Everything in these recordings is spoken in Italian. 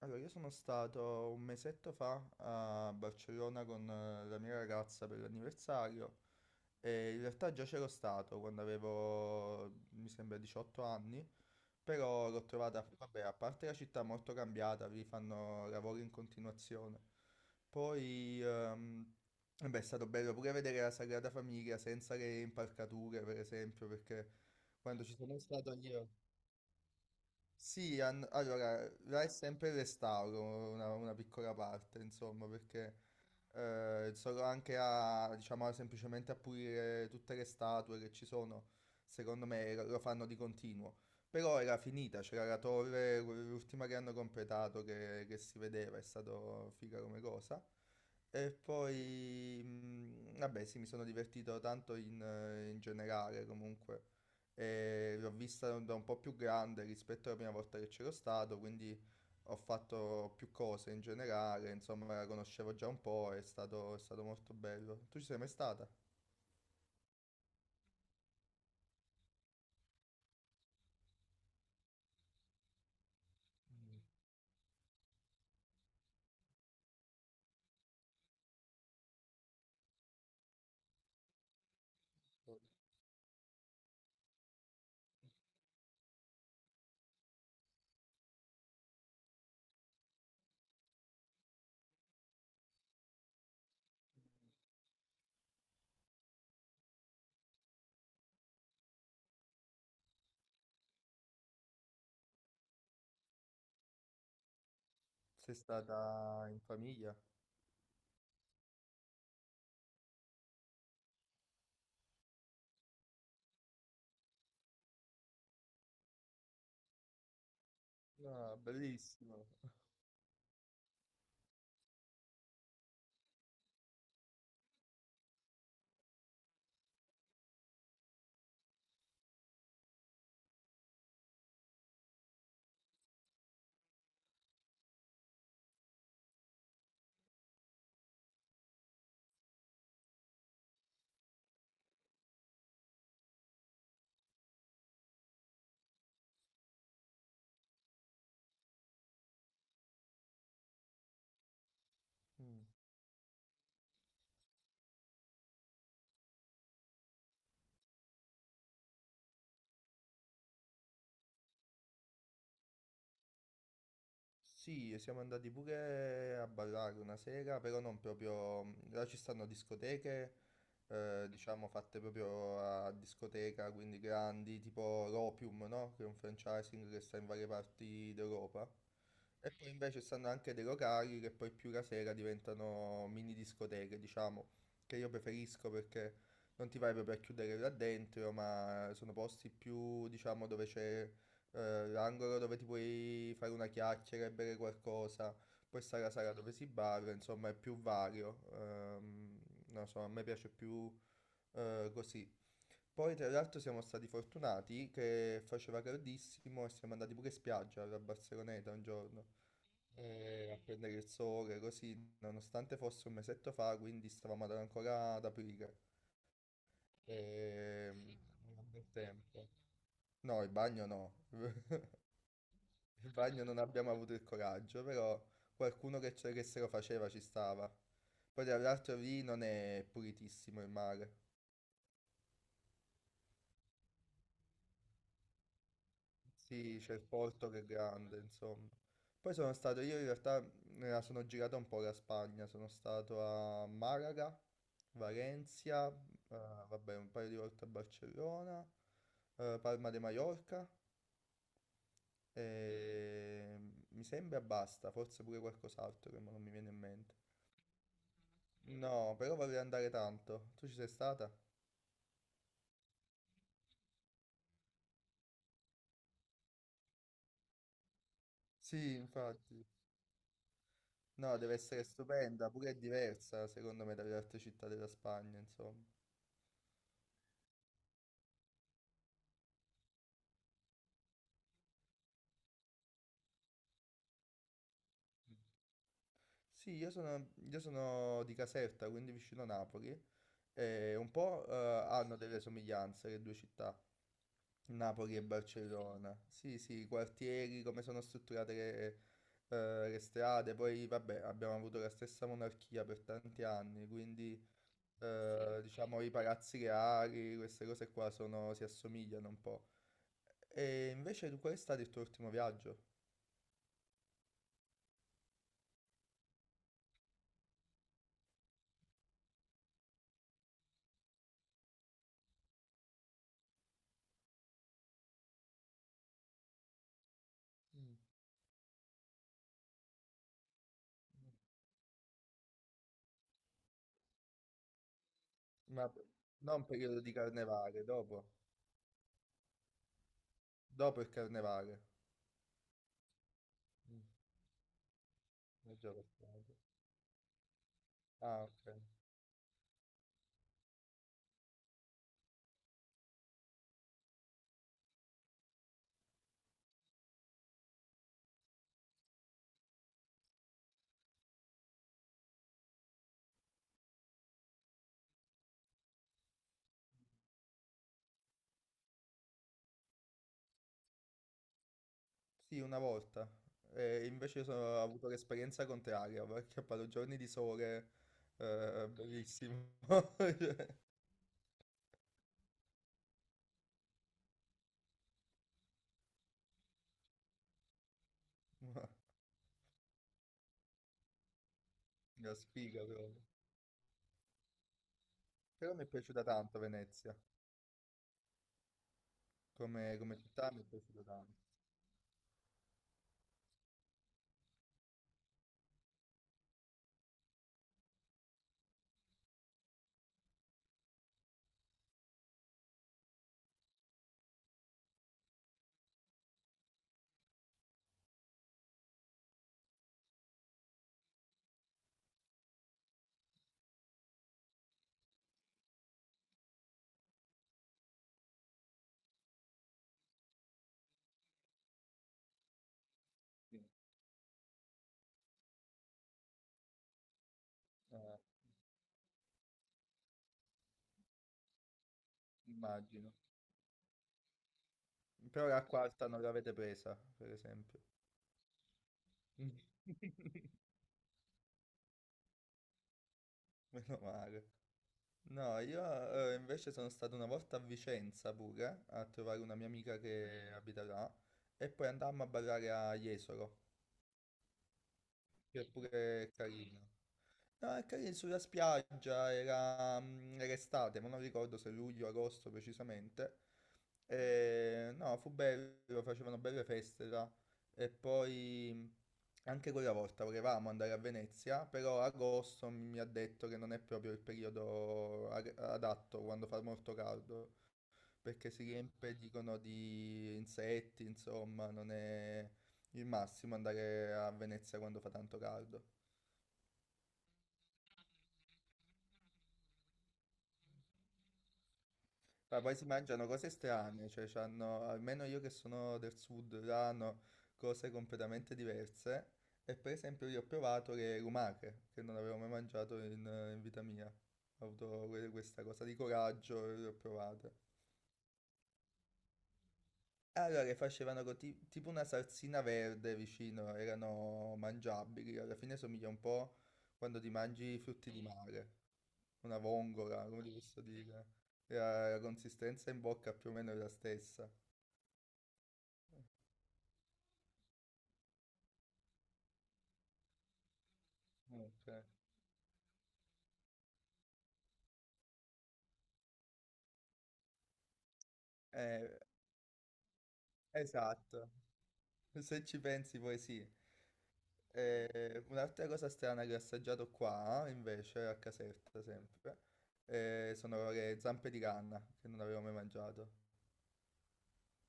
Allora, io sono stato un mesetto fa a Barcellona con la mia ragazza per l'anniversario e in realtà già c'ero stato quando avevo, mi sembra, 18 anni, però l'ho trovata, vabbè, a parte la città molto cambiata, vi fanno lavori in continuazione. Poi, vabbè, è stato bello pure vedere la Sagrada Famiglia senza le impalcature, per esempio, perché quando ci sono stato io... Sì, allora, là è sempre il restauro, una piccola parte, insomma, perché solo anche a, diciamo, semplicemente a pulire tutte le statue che ci sono, secondo me lo fanno di continuo. Però era finita, c'era la torre, l'ultima che hanno completato che si vedeva, è stato figa come cosa. E poi, vabbè, sì, mi sono divertito tanto in generale, comunque e l'ho vista da un po' più grande rispetto alla prima volta che c'ero stato, quindi ho fatto più cose in generale, insomma la conoscevo già un po', è stato molto bello. Tu ci sei mai stata? Mm. Sei stata in famiglia? Ah, bellissimo. Mm. Sì, e siamo andati pure a ballare una sera, però non proprio... mhmm, là ci stanno discoteche, diciamo fatte proprio a discoteca, quindi grandi, tipo l'Opium, no? Che è un franchising che sta in varie parti d'Europa. E poi invece stanno anche dei locali che poi più la sera diventano mini discoteche, diciamo, che io preferisco perché non ti vai proprio a chiudere là dentro, ma sono posti più, diciamo, dove c'è l'angolo dove ti puoi fare una chiacchiera e bere qualcosa, poi sta la sala dove si balla, insomma, è più vario. Non so, a me piace più così. Poi tra l'altro siamo stati fortunati che faceva caldissimo e siamo andati pure in spiaggia alla Barceloneta un giorno a prendere il sole, così, nonostante fosse un mesetto fa, quindi stavamo ancora ad aprire. Ehm, era un bel tempo. No, il bagno no, il bagno non abbiamo avuto il coraggio, però qualcuno che se lo faceva ci stava. Poi tra l'altro lì non è pulitissimo il mare. Sì, c'è il porto che è grande, insomma. Poi sono stato, io in realtà me la sono girata un po' la Spagna, sono stato a Malaga, Valencia, vabbè, un paio di volte a Barcellona, Palma de Mallorca e mi sembra basta, forse pure qualcos'altro che mo non mi viene in mente. No, però vorrei andare tanto. Tu ci sei stata? Sì, infatti. No, deve essere stupenda, pure è diversa secondo me dalle altre città della Spagna, insomma. Sì, io sono di Caserta, quindi vicino Napoli, e un po' hanno delle somiglianze le due città, Napoli e Barcellona. Sì, sì, i quartieri, come sono strutturate le strade, poi vabbè, abbiamo avuto la stessa monarchia per tanti anni, quindi sì. Diciamo i palazzi reali, queste cose qua si assomigliano un po'. E invece tu qual è stato il tuo ultimo viaggio? Mm. Ma non un periodo di carnevale, dopo. Dopo il carnevale. Mm, è già passato. Ah, ok. Sì, una volta. E invece ho avuto l'esperienza contraria, perché ho fatto giorni di sole, bellissimo. Cioè, ma- la sfiga proprio. Però mi è piaciuta tanto Venezia, come città mi è piaciuta tanto. Sì. Eh, immagino. Però l'acqua alta non l'avete presa, per esempio. Meno male. No, io invece sono stato una volta a Vicenza pure a trovare una mia amica che abita là e poi andammo a ballare a Jesolo, che è pure carino. No, è carino sulla spiaggia, era, era estate, ma non ricordo se luglio o agosto precisamente. E, no, fu bello, facevano belle feste là. E poi anche quella volta volevamo andare a Venezia, però agosto mi ha detto che non è proprio il periodo adatto quando fa molto caldo, perché si riempie, dicono, di insetti, insomma, non è il massimo andare a Venezia quando fa tanto caldo. Ma poi si mangiano cose strane, cioè c'hanno, almeno io che sono del sud, hanno cose completamente diverse. E per esempio io ho provato le lumache, che non avevo mai mangiato in vita mia. Ho avuto questa cosa di coraggio e le ho provate. E allora le facevano con tipo una salsina verde vicino, erano mangiabili, alla fine somiglia un po' quando ti mangi i frutti di mare, una vongola, come ti posso dire. E la consistenza in bocca più o meno è la stessa. Ok. Eh, esatto, se ci pensi poi sì. Un'altra cosa strana che ho assaggiato qua, invece, a Caserta sempre, sono le zampe di canna, che non avevo mai mangiato.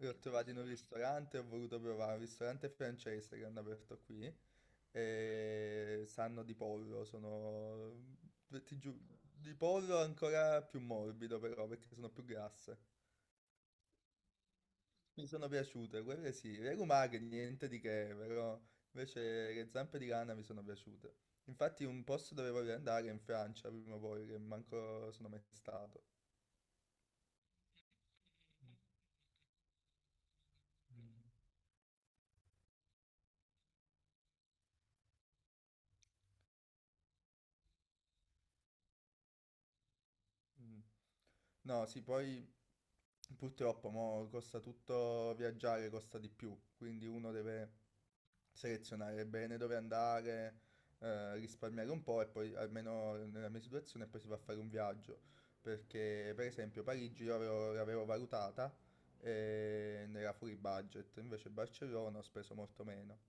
Le ho Che trovate in un cos'è? Ristorante, ho voluto provare, un ristorante francese che hanno aperto qui, e sanno di pollo, sono, ti giuro, di pollo ancora più morbido però, perché sono più grasse. Mi sono piaciute, quelle sì, le lumache niente di che, però invece le zampe di rana mi sono piaciute. Infatti un posto dove voglio andare è in Francia prima o poi, che manco sono mai stato. Mm. Mm. No, sì, poi purtroppo mo costa tutto viaggiare, costa di più, quindi uno deve selezionare bene dove andare, risparmiare un po' e poi, almeno nella mia situazione, poi si va a fare un viaggio. Perché, per esempio, Parigi l'avevo valutata e era fuori budget, invece Barcellona ho speso molto meno.